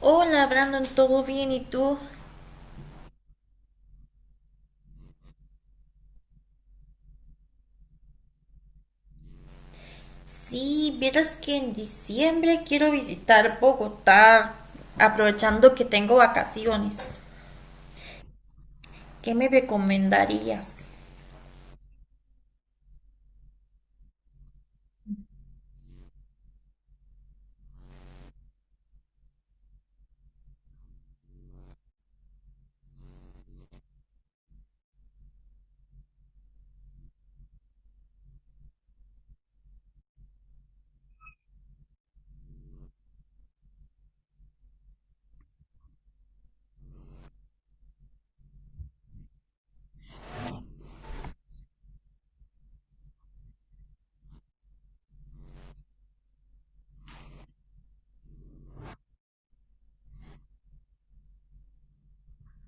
Hola Brandon, ¿todo bien? ¿Y tú? Sí, vieras que en diciembre quiero visitar Bogotá, aprovechando que tengo vacaciones. ¿Qué me recomendarías?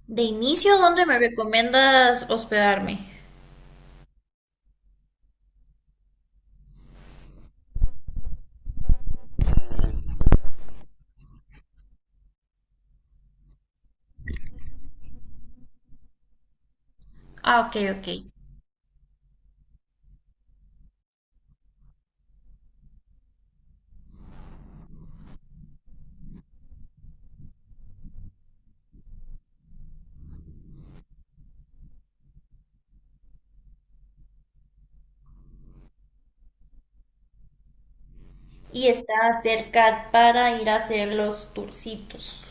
De inicio, ¿dónde me recomiendas hospedarme? Ah, ok, ok. Y está cerca para ir a hacer los tourcitos.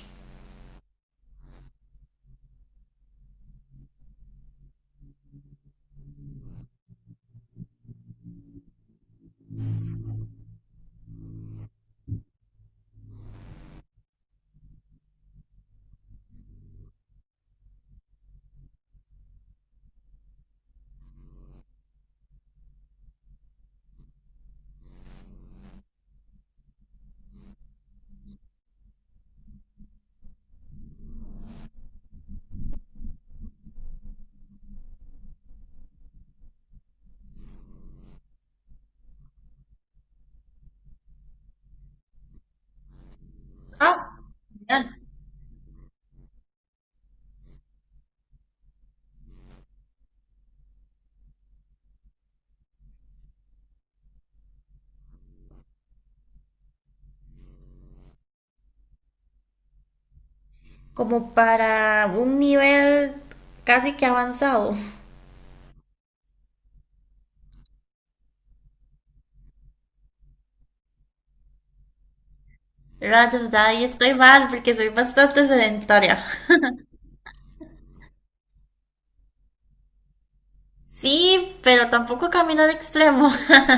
Ah, genial. Como para un nivel casi que avanzado. Rayos, ahí estoy mal porque soy bastante sedentaria. Sí, pero tampoco camino al extremo.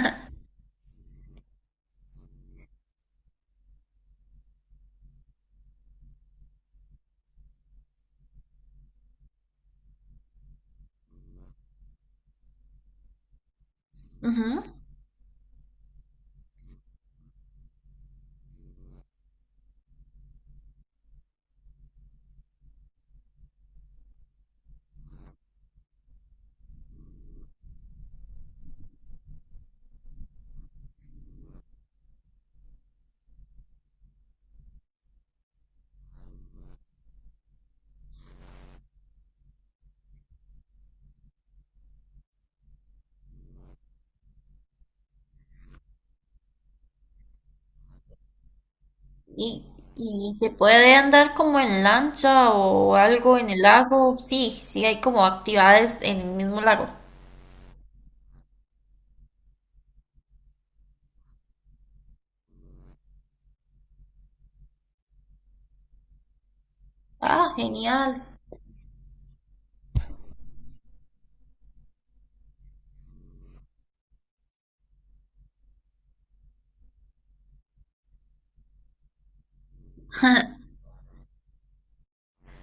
Y, y se puede andar como en lancha o algo en el lago. Sí, sí hay como actividades en el mismo lago. Ah, genial.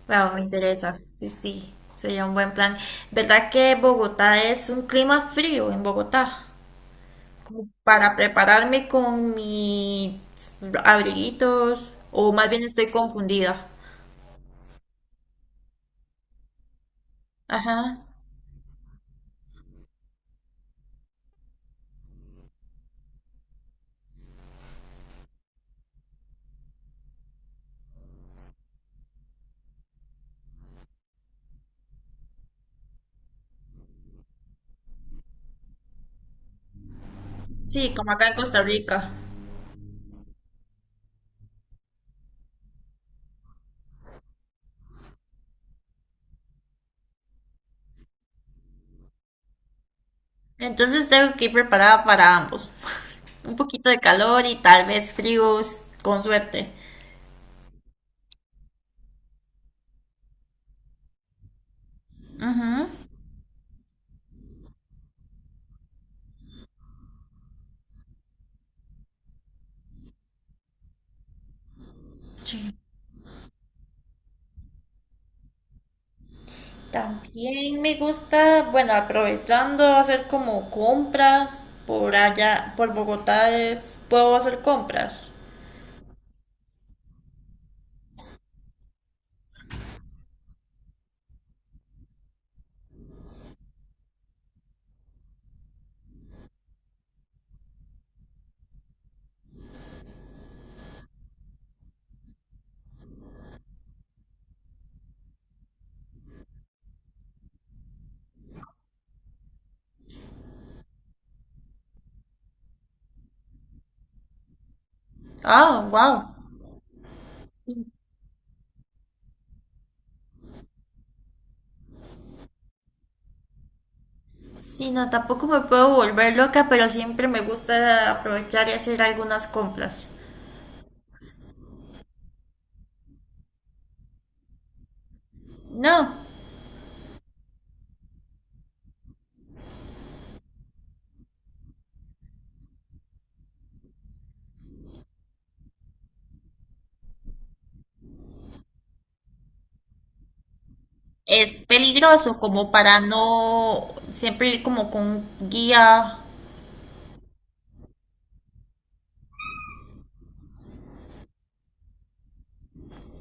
Wow, me interesa. Sí, sí, sería un buen plan. ¿Verdad que Bogotá es un clima frío en Bogotá? Como para prepararme con mis abriguitos, o más bien estoy confundida. Ajá. Sí, como acá en Costa Rica. Entonces tengo que ir preparada para ambos. Un poquito de calor y tal vez frío con suerte. Ujú. Sí. También me gusta, bueno, aprovechando hacer como compras por allá, por Bogotá es, puedo hacer compras. Ah, wow. Sí, no, tampoco me puedo volver loca, pero siempre me gusta aprovechar y hacer algunas compras. No, es peligroso como para no siempre ir como con un guía.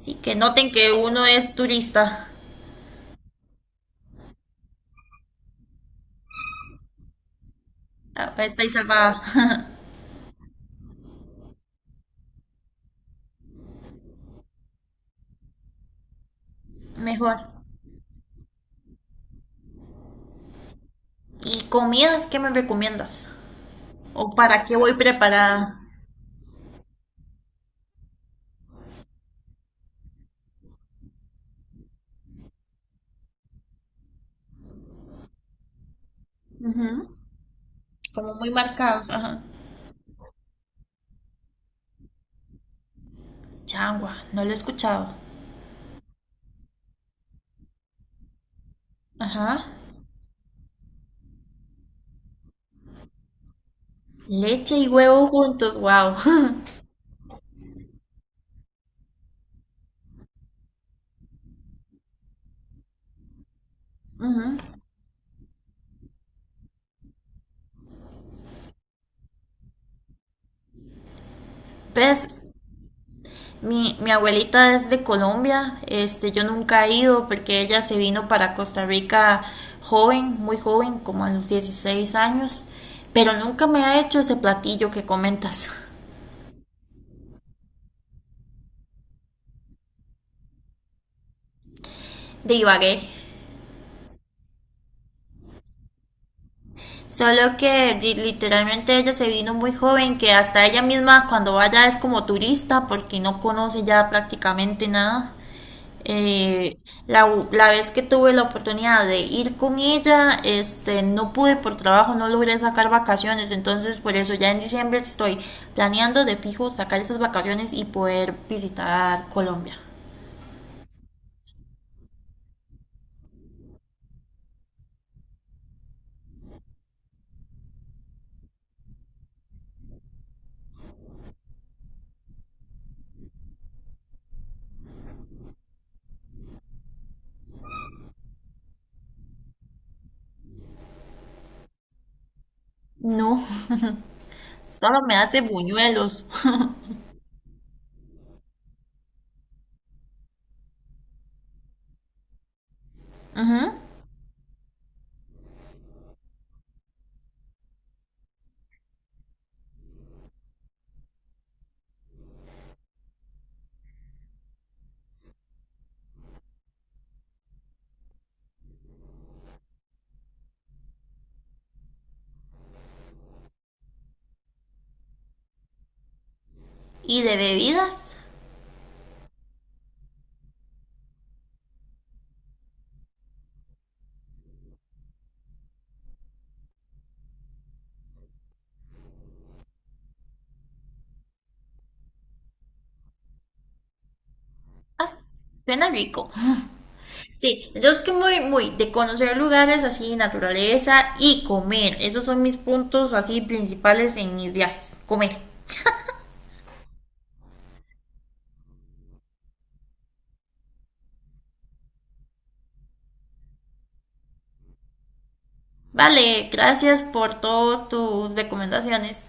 Sí, que noten que uno es turista. Ah, estáis salvada. Mejor. ¿Y comidas qué me recomiendas? ¿O para qué voy preparada? Ujú. Como muy marcados, ajá. Changua, no lo he escuchado. Ajá. Leche y huevo juntos, wow. Ujú. Pues mi abuelita es de Colombia, este, yo nunca he ido porque ella se vino para Costa Rica joven, muy joven, como a los 16 años, pero nunca me ha hecho ese platillo que comentas. De Ibagué. Solo que literalmente ella se vino muy joven, que hasta ella misma cuando vaya es como turista porque no conoce ya prácticamente nada. Eh, la, la vez que tuve la oportunidad de ir con ella, este, no pude por trabajo, no logré sacar vacaciones, entonces por eso ya en diciembre estoy planeando de fijo sacar esas vacaciones y poder visitar Colombia. No, solo me hace buñuelos. ¿Y de bebidas? Suena rico. Sí, yo es que muy, muy de conocer lugares así, naturaleza y comer. Esos son mis puntos así principales en mis viajes. Comer. Vale, gracias por todas tus recomendaciones.